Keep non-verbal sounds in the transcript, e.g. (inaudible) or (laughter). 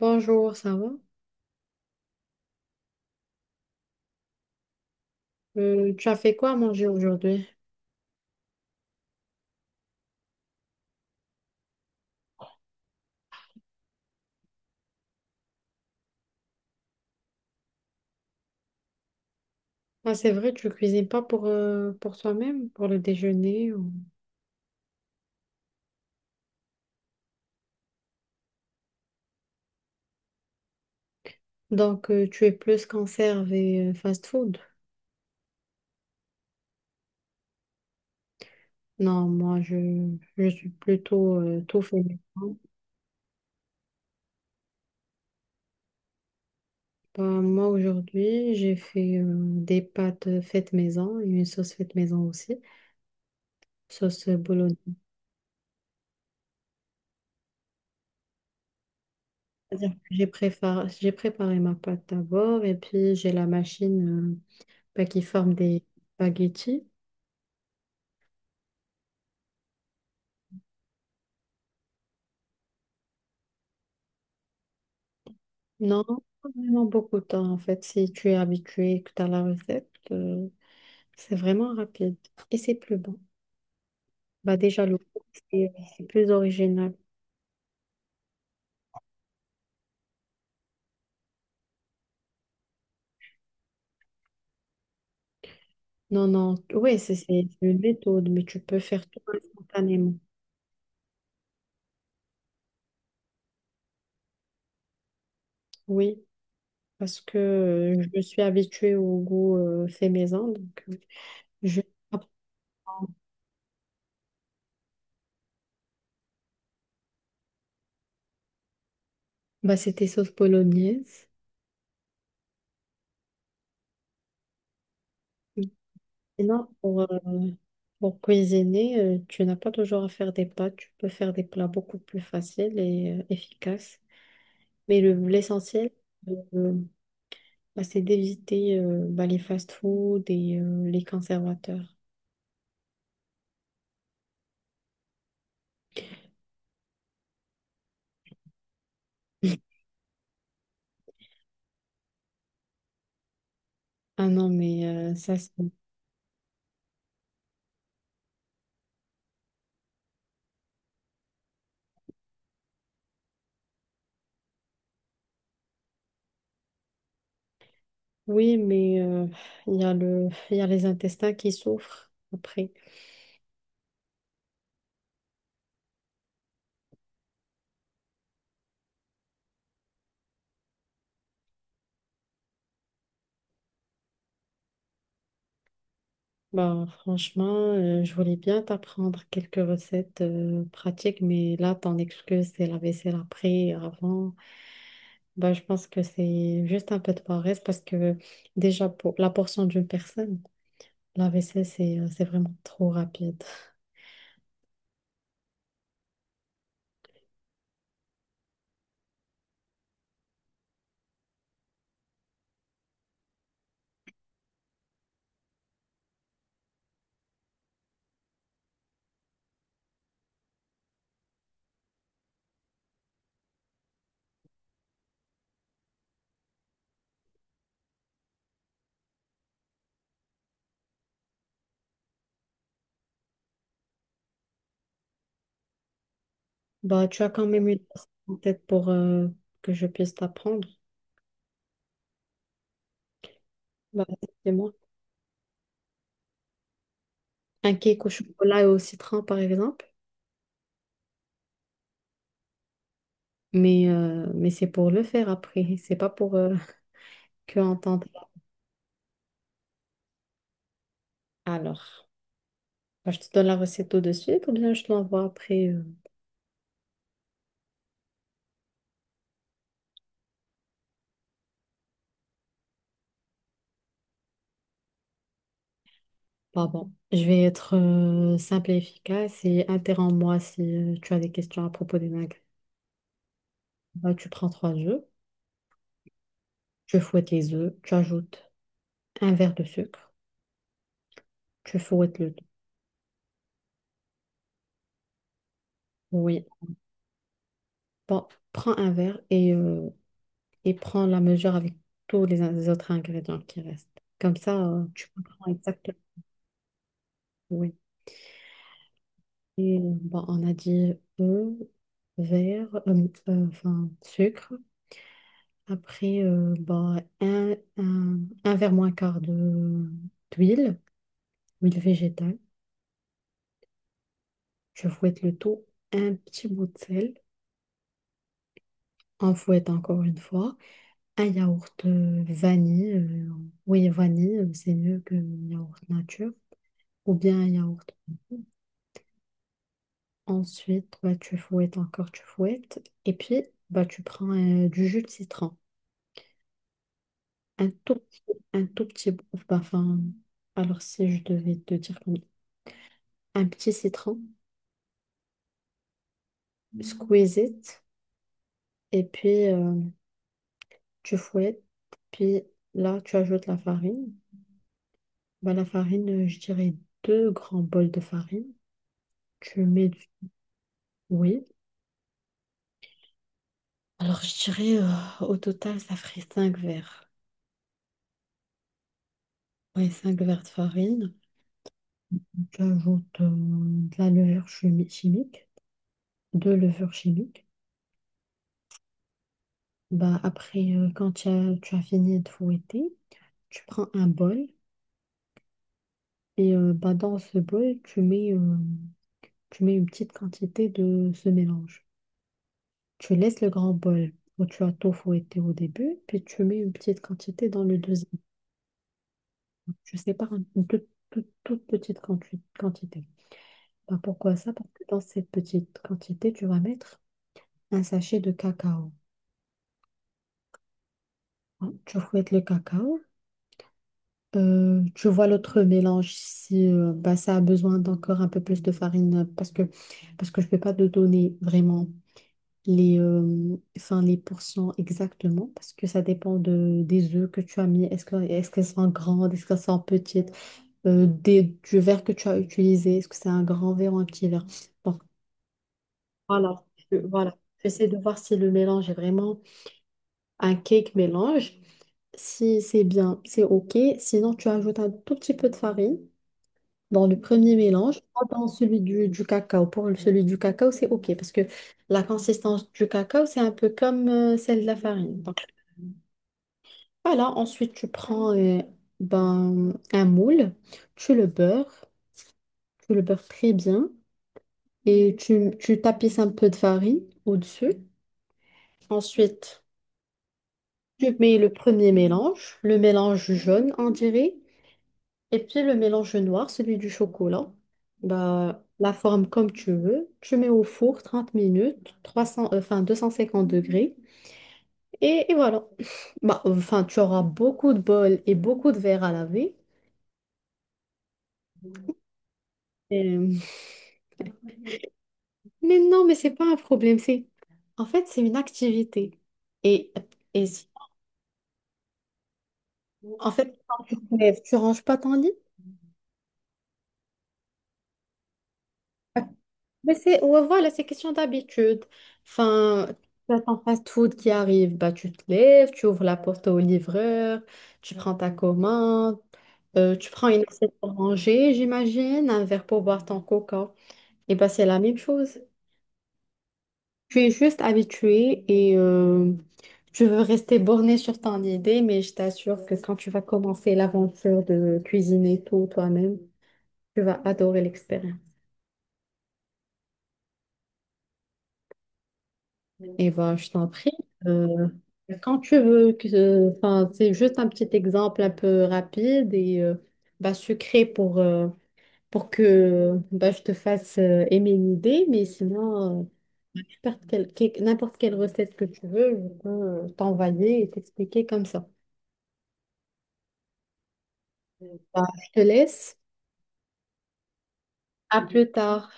Bonjour, ça va? Tu as fait quoi à manger aujourd'hui? Ah, c'est vrai, tu cuisines pas pour, pour toi-même, pour le déjeuner. Donc, tu es plus conserve et fast-food. Non, moi, je suis plutôt tout fait maison. Bah, moi, aujourd'hui, j'ai fait des pâtes faites maison et une sauce faite maison aussi, sauce bolognaise. C'est-à-dire que j'ai préparé ma pâte d'abord et puis j'ai la machine bah, qui forme des spaghettis. Non, pas vraiment beaucoup de temps en fait. Si tu es habitué et que tu as la recette, c'est vraiment rapide et c'est plus bon. Bah déjà, le goût, c'est c'est plus original. Non, non, oui, c'est une méthode, mais tu peux faire tout instantanément. Oui, parce que je suis habituée au goût fait maison, donc je apprends. Bah, c'était sauce bolognaise. Sinon, pour cuisiner, tu n'as pas toujours à faire des pâtes. Tu peux faire des plats beaucoup plus faciles et efficaces. Mais le, l'essentiel, euh, bah, c'est d'éviter bah, les fast-foods et les conservateurs. Ah non, mais ça, c'est. Oui, mais il y a les intestins qui souffrent après. Bah, franchement, je voulais bien t'apprendre quelques recettes pratiques, mais là, ton excuse, c'est la vaisselle après, avant. Bah, je pense que c'est juste un peu de paresse parce que déjà, pour la portion d'une personne, la vaisselle, c'est vraiment trop rapide. Bah, tu as quand même une recette en tête pour que je puisse t'apprendre. Bah, c'est moi. Un cake au chocolat et au citron, par exemple. Mais c'est pour le faire après, c'est pas pour (laughs) que entendre. Alors. Bah, je te donne la recette tout de suite ou bien je te l'envoie après. Bah bon, je vais être simple et efficace et interromps-moi si tu as des questions à propos des magrets. Bah, tu prends trois œufs, tu fouettes les œufs, tu ajoutes un verre de sucre, tu fouettes le tout. Oui. Bon, prends un verre et, et prends la mesure avec tous les, les autres ingrédients qui restent. Comme ça, tu comprends exactement. Oui. Et bon, on a dit œufs, verre, enfin, sucre. Après, bah, un verre moins quart de d'huile, huile végétale. Je fouette le tout, un petit bout de sel. On fouette encore une fois. Un yaourt vanille. Oui, vanille, c'est mieux que yaourt nature. Ou bien un yaourt. Bon. Ensuite, bah, tu fouettes encore, tu fouettes. Et puis, bah, tu prends du jus de citron. Un tout petit, un tout petit bout. Bah, enfin, alors si je devais te dire comme un petit citron. Squeeze it, et puis tu fouettes, puis là tu ajoutes la farine. Bah, la farine, je dirais deux grands bols de farine. Tu mets du. Oui. Alors je dirais au total ça ferait 5 verres. Oui, 5 verres de farine. Tu ajoutes de la levure chimique, deux levures chimiques. Bah, après, quand tu as fini de fouetter, tu prends un bol et bah, dans ce bol, Tu mets une petite quantité de ce mélange. Tu laisses le grand bol où tu as tout fouetté au début, puis tu mets une petite quantité dans le deuxième bol. Tu sépares une toute, toute petite quantité. Ben, pourquoi ça? Parce que dans cette petite quantité, tu vas mettre un sachet de cacao. Hein, tu fouettes le cacao. Tu vois l'autre mélange si ben, ça a besoin d'encore un peu plus de farine parce que je ne peux pas te donner vraiment les, enfin, les pourcents exactement, parce que ça dépend de, des œufs que tu as mis. Est-ce qu'elles sont grandes, est-ce qu'elles sont petites, des, du verre que tu as utilisé, est-ce que c'est un grand verre ou un petit verre. Donc voilà, voilà. J'essaie de voir si le mélange est vraiment un cake mélange. Si c'est bien, c'est OK. Sinon, tu ajoutes un tout petit peu de farine dans le premier mélange, pas dans celui du cacao. Pour celui du cacao, c'est OK parce que la consistance du cacao, c'est un peu comme celle de la farine. Donc voilà, ensuite tu prends ben, un moule, tu le beurres, tu le beurres très bien et tu tapisses un peu de farine au-dessus. Ensuite, tu mets le premier mélange, le mélange jaune, on dirait. Et puis le mélange noir, celui du chocolat, bah, la forme comme tu veux. Tu mets au four 30 minutes, 300, enfin 250 degrés. Et, voilà. (laughs) Bah, enfin, tu auras beaucoup de bols et beaucoup de verres à laver. Et- Mais non, mais c'est pas un problème. C'est. En fait, c'est une activité. Et, et si- En fait, tu te lèves, tu ranges pas ton lit. Mais c'est, ouais, voilà, c'est question d'habitude. Enfin, tu as ton fast-food qui arrive, bah, tu te lèves, tu ouvres la porte au livreur, tu prends ta commande, tu prends une assiette pour manger, j'imagine, un verre pour boire ton coca. Et bah, c'est la même chose. Tu es juste habitué et tu veux rester borné sur ton idée, mais je t'assure que quand tu vas commencer l'aventure de cuisiner tout toi-même, tu vas adorer l'expérience. Eh ben, je t'en prie. euh, quand tu veux, que, enfin, c'est juste un petit exemple un peu rapide et bah, sucré pour que bah, je te fasse aimer une idée, mais sinon, tu perds n'importe quelle recette que tu veux, je peux t'envoyer et t'expliquer comme ça. Bah, je te laisse. À plus tard.